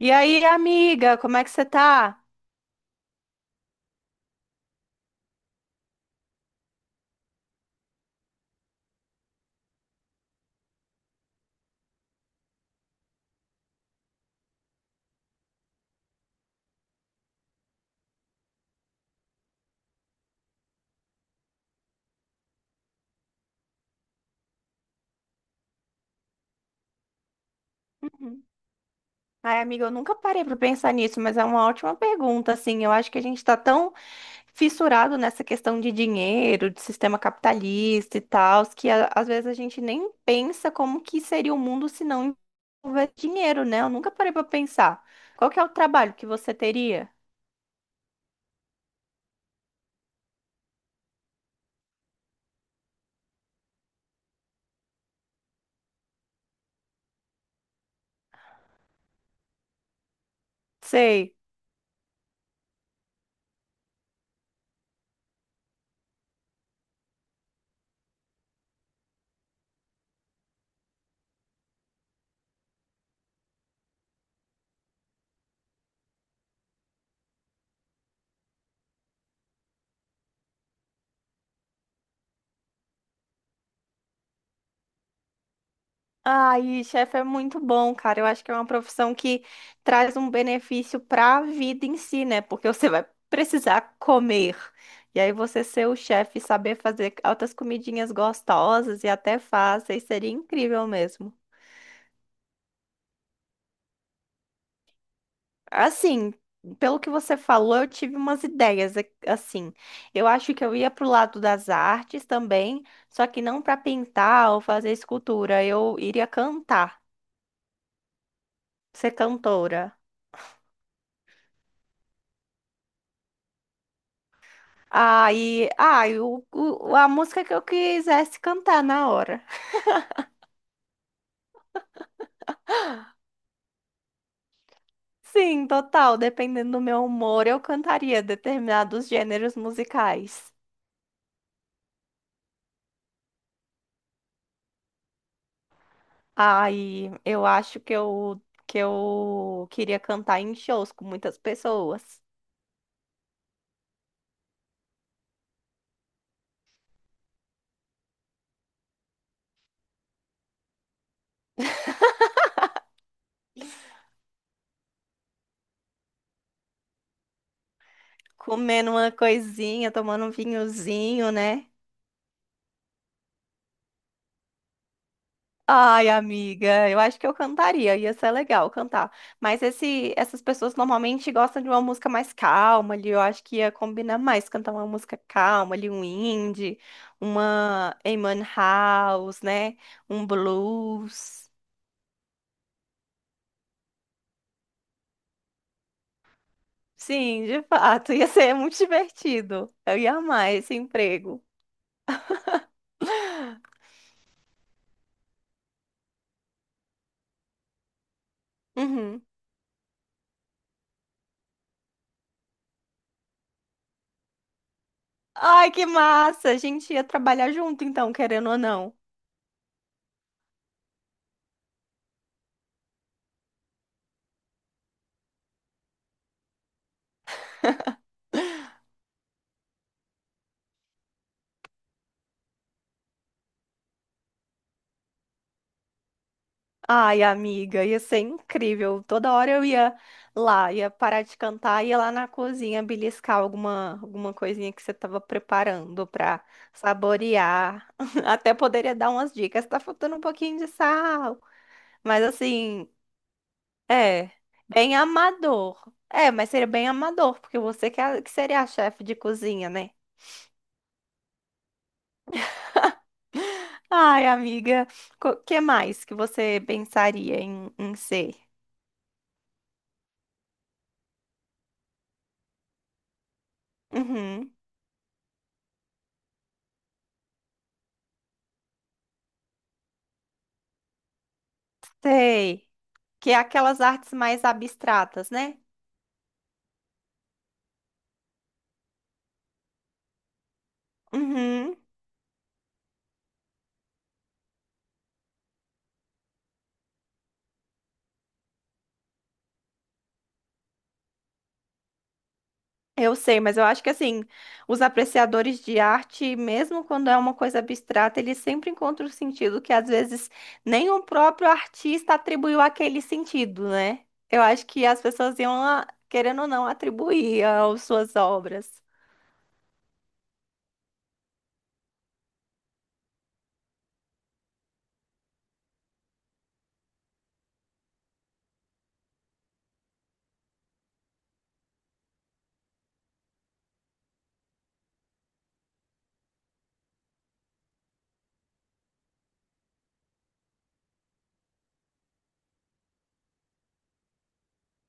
E aí, amiga, como é que você tá? Uhum. Ai, amiga, eu nunca parei pra pensar nisso, mas é uma ótima pergunta, assim. Eu acho que a gente tá tão fissurado nessa questão de dinheiro, de sistema capitalista e tal, que às vezes a gente nem pensa como que seria o mundo se não houvesse dinheiro, né? Eu nunca parei pra pensar. Qual que é o trabalho que você teria? Sei. Ai, chefe é muito bom, cara. Eu acho que é uma profissão que traz um benefício para a vida em si, né? Porque você vai precisar comer. E aí você ser o chefe e saber fazer altas comidinhas gostosas e até fáceis seria incrível mesmo. Assim, pelo que você falou, eu tive umas assim. Eu acho que eu ia pro lado das artes também, só que não para pintar ou fazer escultura. Eu iria cantar, ser cantora. Aí, ai, a música que eu quisesse cantar na hora. Sim, total, dependendo do meu humor, eu cantaria determinados gêneros musicais. Aí, eu acho que eu queria cantar em shows com muitas pessoas, comendo uma coisinha, tomando um vinhozinho, né? Ai, amiga, eu acho que eu cantaria, ia ser legal cantar. Mas essas pessoas normalmente gostam de uma música mais calma ali, eu acho que ia combinar mais cantar uma música calma ali, um indie, uma Eamon House, né? Um blues. Sim, de fato, ia ser muito divertido. Eu ia amar esse emprego. Uhum. Ai, que massa! A gente ia trabalhar junto então, querendo ou não. Ai, amiga, ia ser incrível. Toda hora eu ia lá, ia parar de cantar, ia lá na cozinha beliscar alguma coisinha que você estava preparando para saborear. Até poderia dar umas dicas. Tá faltando um pouquinho de sal. Mas assim, é, bem amador. É, mas seria bem amador, porque você que seria a chefe de cozinha, né? Ai, amiga, o que mais que você pensaria em ser? Uhum, sei. Que é aquelas artes mais abstratas, né? Uhum, eu sei, mas eu acho que assim, os apreciadores de arte, mesmo quando é uma coisa abstrata, eles sempre encontram o sentido que às vezes nem o próprio artista atribuiu aquele sentido, né? Eu acho que as pessoas iam, ah, querendo ou não, atribuir às suas obras.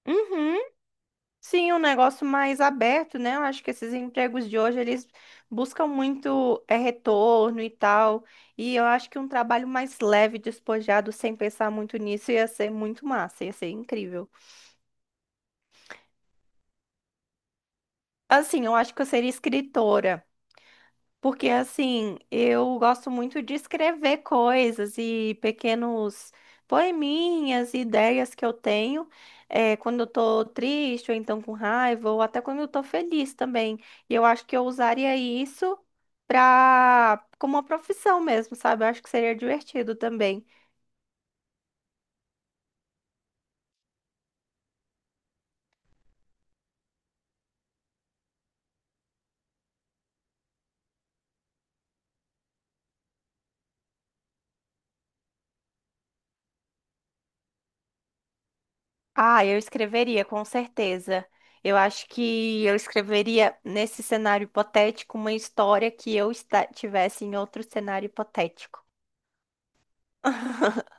Uhum. Sim, um negócio mais aberto, né? Eu acho que esses empregos de hoje, eles buscam muito retorno e tal. E eu acho que um trabalho mais leve, despojado, sem pensar muito nisso, ia ser muito massa, ia ser incrível. Assim, eu acho que eu seria escritora. Porque assim, eu gosto muito de escrever coisas e pequenos poeminhas e ideias que eu tenho quando eu tô triste, ou então com raiva, ou até quando eu tô feliz também. E eu acho que eu usaria isso pra... como uma profissão mesmo, sabe? Eu acho que seria divertido também. Ah, eu escreveria, com certeza. Eu acho que eu escreveria nesse cenário hipotético uma história que tivesse em outro cenário hipotético.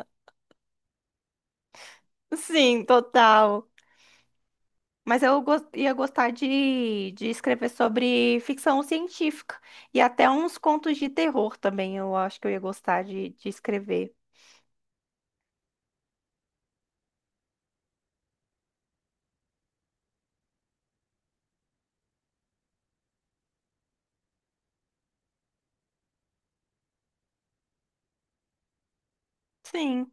Sim, total. Mas ia gostar de escrever sobre ficção científica e até uns contos de terror também. Eu acho que eu ia gostar de escrever. Sim,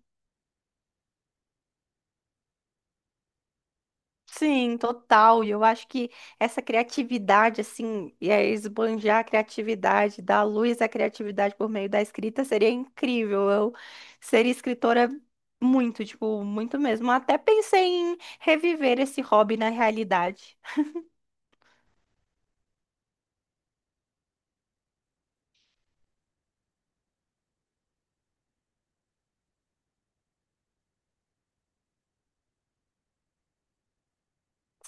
sim, total. E eu acho que essa criatividade, assim, e aí esbanjar a criatividade, dar luz à criatividade por meio da escrita seria incrível. Eu seria escritora muito, tipo, muito mesmo. Até pensei em reviver esse hobby na realidade.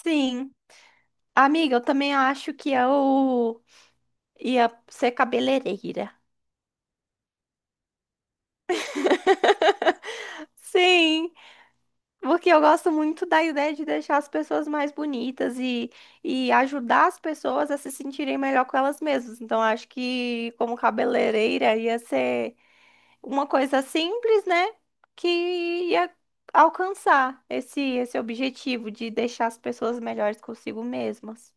Sim. Amiga, eu também acho que eu ia ser cabeleireira. Sim, porque eu gosto muito da ideia de deixar as pessoas mais bonitas e ajudar as pessoas a se sentirem melhor com elas mesmas. Então, acho que como cabeleireira ia ser uma coisa simples, né? Que ia alcançar esse objetivo de deixar as pessoas melhores consigo mesmas.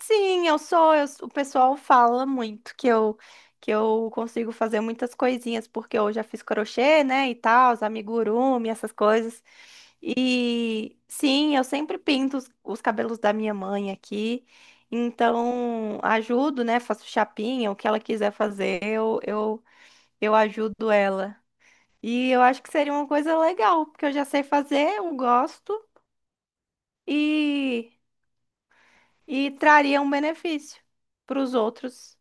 Sim, o pessoal fala muito que eu consigo fazer muitas coisinhas porque eu já fiz crochê, né, e tal, os amigurumi, essas coisas. E sim, eu sempre pinto os cabelos da minha mãe aqui. Então, ajudo, né, faço chapinha, o que ela quiser fazer, eu ajudo ela. E eu acho que seria uma coisa legal, porque eu já sei fazer, eu gosto e e traria um benefício para os outros.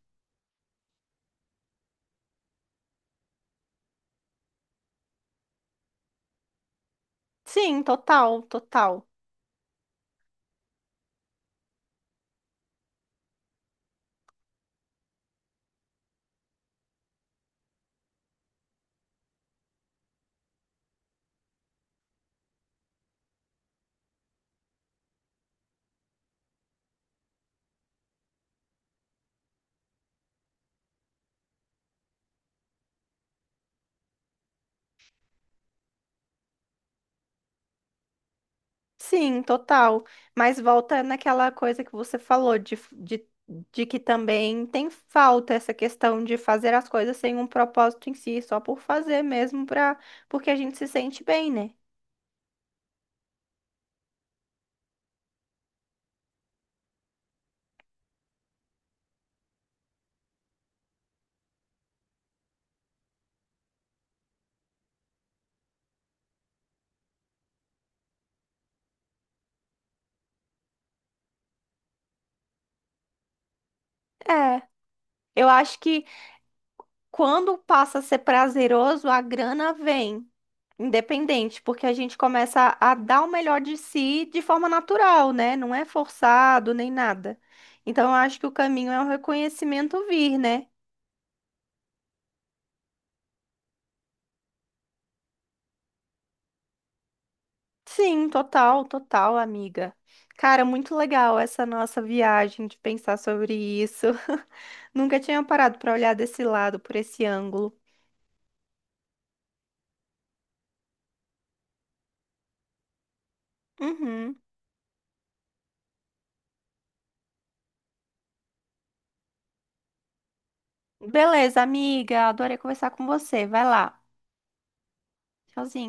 Sim, total, total. Sim, total. Mas volta naquela coisa que você falou de que também tem falta essa questão de fazer as coisas sem um propósito em si, só por fazer mesmo, pra, porque a gente se sente bem, né? É. Eu acho que quando passa a ser prazeroso, a grana vem, independente, porque a gente começa a dar o melhor de si de forma natural, né? Não é forçado nem nada. Então, eu acho que o caminho é o reconhecimento vir, né? Sim, total, total, amiga. Cara, muito legal essa nossa viagem de pensar sobre isso. Nunca tinha parado para olhar desse lado, por esse ângulo. Uhum. Beleza, amiga. Adorei conversar com você. Vai lá. Tchauzinho.